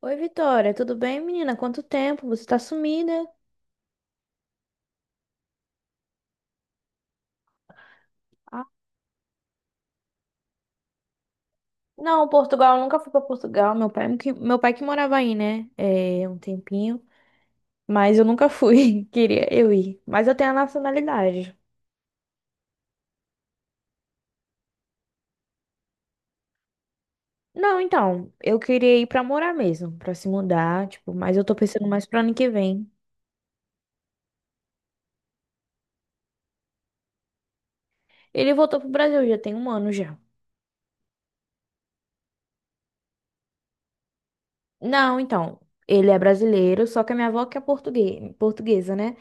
Oi, Vitória, tudo bem, menina? Quanto tempo? Você tá sumida? Ah, Não, Portugal, eu nunca fui pra Portugal. Meu pai que morava aí, né? É, um tempinho. Mas eu nunca fui. Queria eu ir. Mas eu tenho a nacionalidade. Não, então, eu queria ir pra morar mesmo, pra se mudar, tipo, mas eu tô pensando mais pro ano que vem. Ele voltou pro Brasil, já tem um ano já. Não, então, ele é brasileiro, só que a minha avó que é portuguesa, né?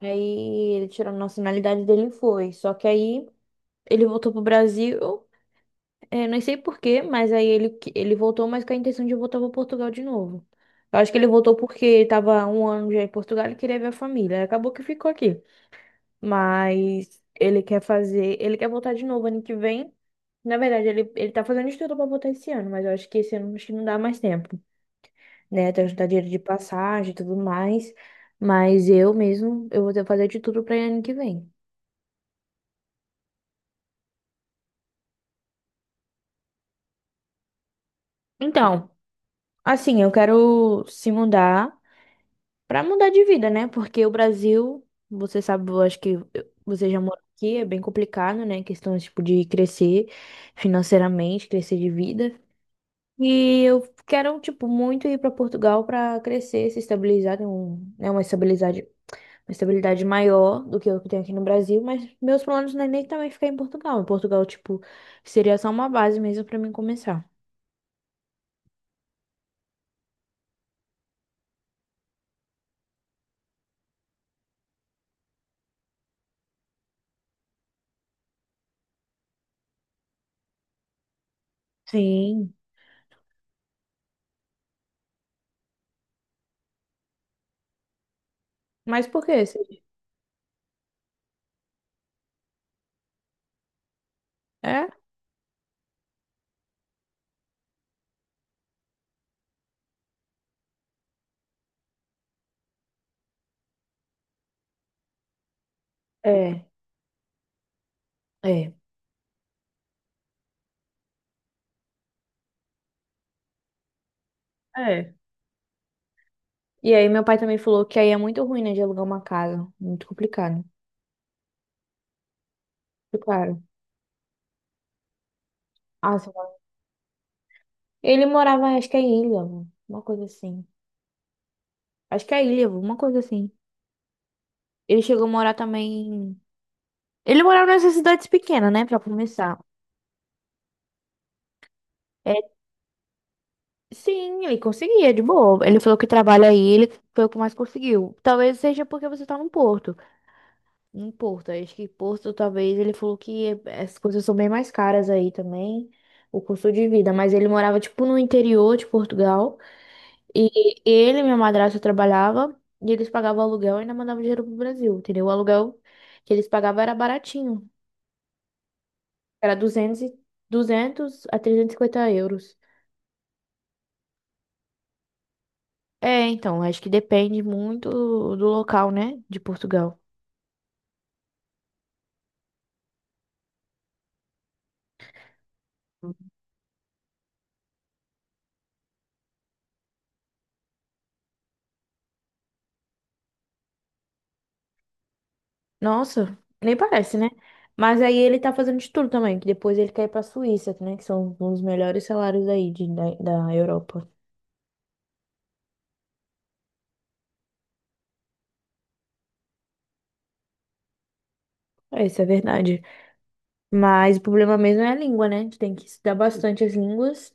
Aí ele tirou a nacionalidade dele e foi. Só que aí ele voltou pro Brasil, é, não sei por quê, mas aí ele voltou, mas com a intenção de voltar para Portugal de novo. Eu acho que ele voltou porque estava um ano já em Portugal e queria ver a família. Aí acabou que ficou aqui. Mas ele quer fazer, ele quer voltar de novo ano que vem. Na verdade, ele tá fazendo estudo para voltar esse ano, mas eu acho que esse ano acho que não dá mais tempo, né? Tem que juntar dinheiro de passagem e tudo mais. Mas eu mesmo, eu vou ter que fazer de tudo para ano que vem. Então, assim, eu quero se mudar, pra mudar de vida, né? Porque o Brasil, você sabe, eu acho que você já mora aqui, é bem complicado, né? Questão, tipo, de crescer financeiramente, crescer de vida. E eu quero, tipo, muito ir pra Portugal pra crescer, se estabilizar, ter um, né, uma estabilidade maior do que eu que tenho aqui no Brasil, mas meus planos não é nem também ficar em Portugal. Em Portugal, tipo, seria só uma base mesmo pra mim começar. Sim. Mas por quê? É? É, é, é. É. E aí meu pai também falou que aí é muito ruim, né, de alugar uma casa. Muito complicado. Muito caro. Ah, sei lá. Ele morava, acho que é em Ilhavo, uma coisa assim. Acho que é Ilhavo, uma coisa assim. Ele chegou a morar também. Ele morava nessas cidades pequenas, né, pra começar. É, sim, ele conseguia, de boa. Ele falou que trabalha aí, ele foi o que mais conseguiu. Talvez seja porque você tá no Porto. Em Porto, acho que Porto, talvez, ele falou que as coisas são bem mais caras aí também, o custo de vida. Mas ele morava, tipo, no interior de Portugal. E ele, minha madrasta, trabalhava e eles pagavam aluguel e ainda mandavam dinheiro pro Brasil, entendeu? O aluguel que eles pagavam era baratinho, era 200 a 350 euros. É, então, acho que depende muito do local, né, de Portugal. Nossa, nem parece, né? Mas aí ele tá fazendo de tudo também, que depois ele quer ir pra Suíça, né, que são um dos melhores salários aí da Europa. É, isso é verdade. Mas o problema mesmo é a língua, né? A gente tem que estudar bastante as línguas.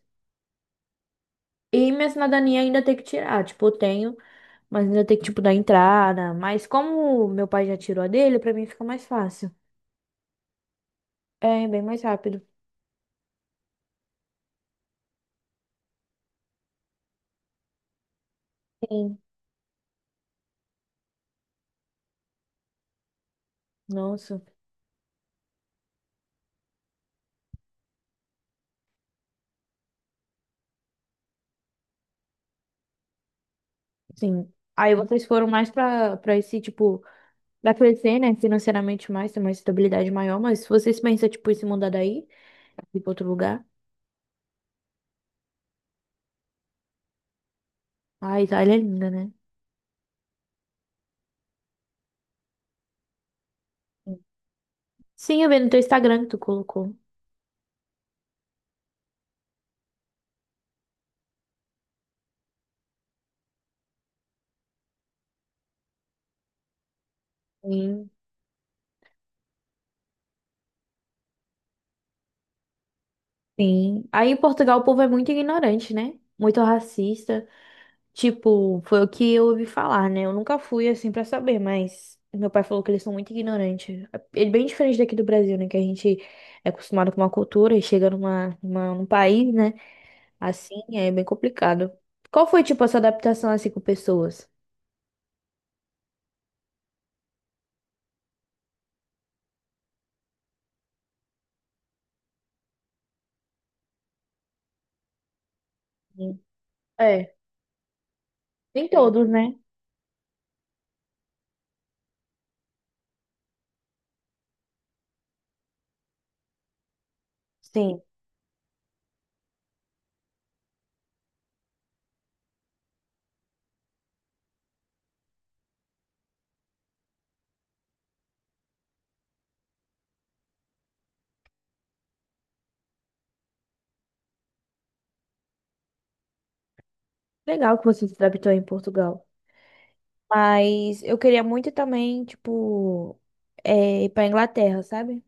E minha cidadania ainda tem que tirar. Tipo, eu tenho, mas ainda tem que, tipo, dar entrada. Mas como meu pai já tirou a dele, pra mim fica mais fácil. É, bem mais rápido. Sim. Nossa, sim. Aí vocês foram mais pra esse, tipo, pra crescer, né? Financeiramente mais, ter uma estabilidade maior. Mas se vocês pensam, tipo, em se mudar daí, ir pra outro lugar. Ai, Itália é linda, né? Sim, eu vi no teu Instagram que tu colocou. Sim, sim. Aí em Portugal o povo é muito ignorante, né? Muito racista. Tipo, foi o que eu ouvi falar, né? Eu nunca fui assim pra saber, mas meu pai falou que eles são muito ignorantes. Ele é bem diferente daqui do Brasil, né? Que a gente é acostumado com uma cultura e chega num país, né? Assim, é bem complicado. Qual foi, tipo, a sua adaptação assim com pessoas? Sim. É, nem todos, né? Sim. Legal que você se adaptou em Portugal. Mas eu queria muito também, tipo, é, ir pra Inglaterra, sabe?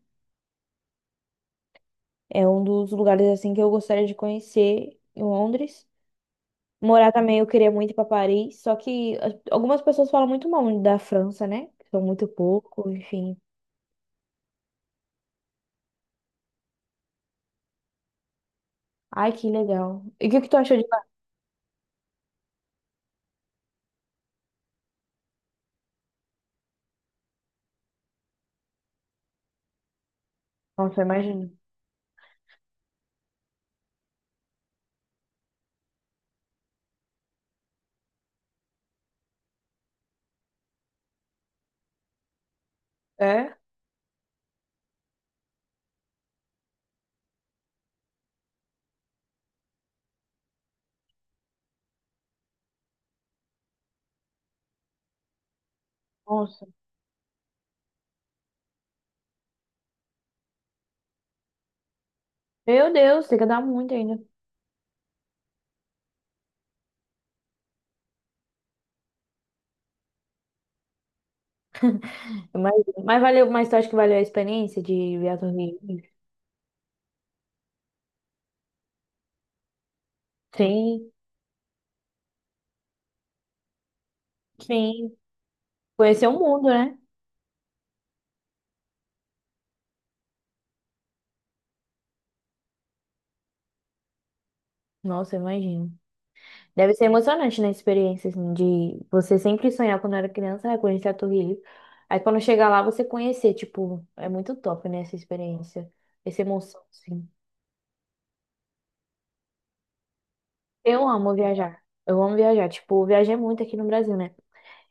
É um dos lugares assim que eu gostaria de conhecer em Londres. Morar também, eu queria muito ir pra Paris, só que algumas pessoas falam muito mal da França, né? São muito pouco, enfim. Ai, que legal. E o que que tu achou de lá? Nossa, imagina. É? Nossa. Meu Deus, tem que dar muito ainda. Mas, mas valeu, mas tu acha que valeu a experiência de viajar? Sim, sim. Conhecer o mundo, né? Nossa, imagina. Deve ser emocionante, na experiência, assim, de você sempre sonhar quando era criança, ah, conhecer a Torre Eiffel. Aí quando chegar lá, você conhecer, tipo, é muito top, né? Essa experiência, essa emoção, assim. Eu amo viajar. Eu amo viajar. Tipo, eu viajei muito aqui no Brasil, né?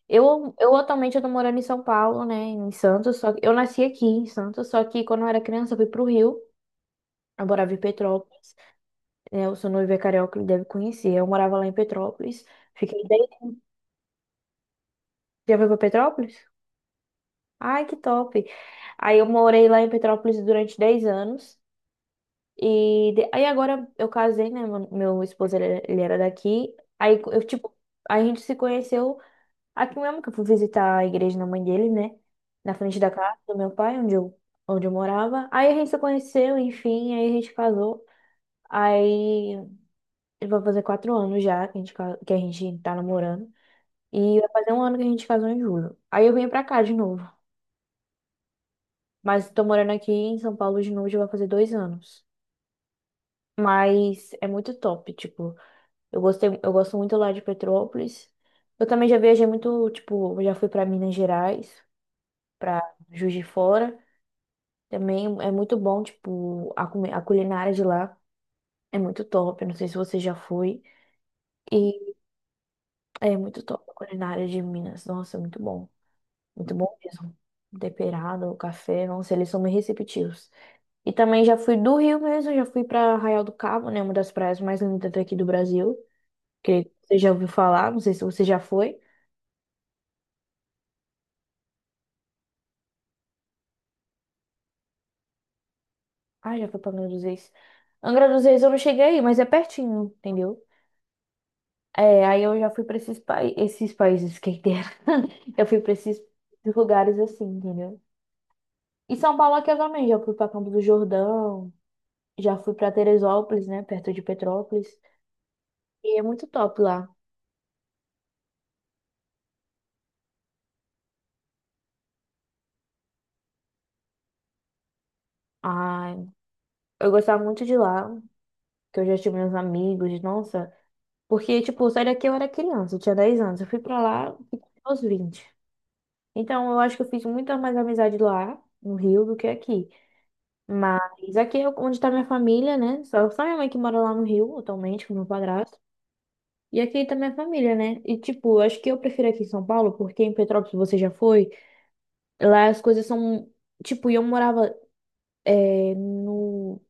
Eu atualmente eu tô morando em São Paulo, né? Em Santos, só que eu nasci aqui em Santos, só que quando eu era criança, eu fui pro Rio. Eu morava em Petrópolis, né? O seu noivo é carioca, ele deve conhecer. Eu morava lá em Petrópolis. Fiquei 10... Já foi pra Petrópolis? Ai, que top. Aí eu morei lá em Petrópolis durante 10 anos. Aí agora eu casei, né? Meu esposo, ele era daqui. Aí eu, tipo, a gente se conheceu aqui mesmo, que eu fui visitar a igreja da mãe dele, né? Na frente da casa do meu pai, onde eu morava. Aí a gente se conheceu, enfim, aí a gente casou. Aí vai fazer 4 anos já que que a gente tá namorando. E vai fazer 1 ano que a gente casou em julho. Aí eu vim pra cá de novo. Mas tô morando aqui em São Paulo de novo, já vai fazer 2 anos. Mas é muito top, tipo, eu gostei, eu gosto muito lá de Petrópolis. Eu também já viajei muito, tipo, eu já fui pra Minas Gerais, pra Juiz de Fora. Também é muito bom, tipo, a culinária de lá é muito top. Eu não sei se você já foi. E é muito top a culinária de Minas. Nossa, é muito bom. Muito bom mesmo. Temperado, o café, nossa, eles são muito receptivos. E também já fui do Rio mesmo, já fui para Arraial do Cabo, né? Uma das praias mais lindas daqui do Brasil. Que você já ouviu falar, não sei se você já foi. Ah, já foi para Angra dos Reis. Angra dos Reis eu não cheguei aí, mas é pertinho, entendeu? É, aí eu já fui para esses países, quem dera. Eu fui para esses lugares assim, entendeu? E São Paulo aqui eu também, já fui para Campo do Jordão, já fui para Teresópolis, né? Perto de Petrópolis. E é muito top lá. Ai, eu gostava muito de lá, que eu já tive meus amigos, nossa. Porque, tipo, saí daqui eu era criança, eu tinha 10 anos. Eu fui pra lá aos 20. Então, eu acho que eu fiz muita mais amizade lá, no Rio, do que aqui. Mas aqui é onde tá minha família, né? Só minha mãe que mora lá no Rio, atualmente, com meu padrasto. E aqui tá minha família, né? E, tipo, eu acho que eu prefiro aqui em São Paulo, porque em Petrópolis você já foi. Lá as coisas são. Tipo, e eu morava é, no.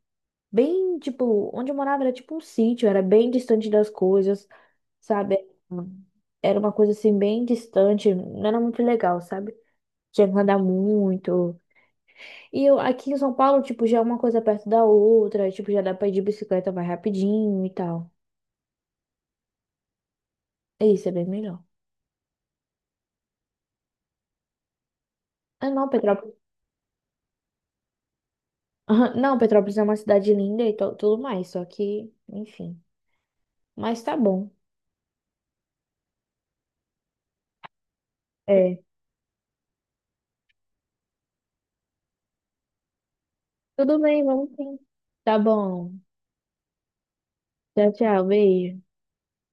Bem, tipo, onde eu morava era tipo um sítio, era bem distante das coisas, sabe? Era uma coisa assim bem distante, não era muito legal, sabe? Tinha que andar muito. E eu aqui em São Paulo, tipo, já é uma coisa perto da outra, tipo, já dá pra ir de bicicleta mais rapidinho e tal. E isso é bem melhor. Ah, não, Petrópolis. Não, Petrópolis é uma cidade linda e tudo mais, só que, enfim. Mas tá bom. É. Tudo bem, vamos sim. Tá bom. Tchau, tchau. Beijo.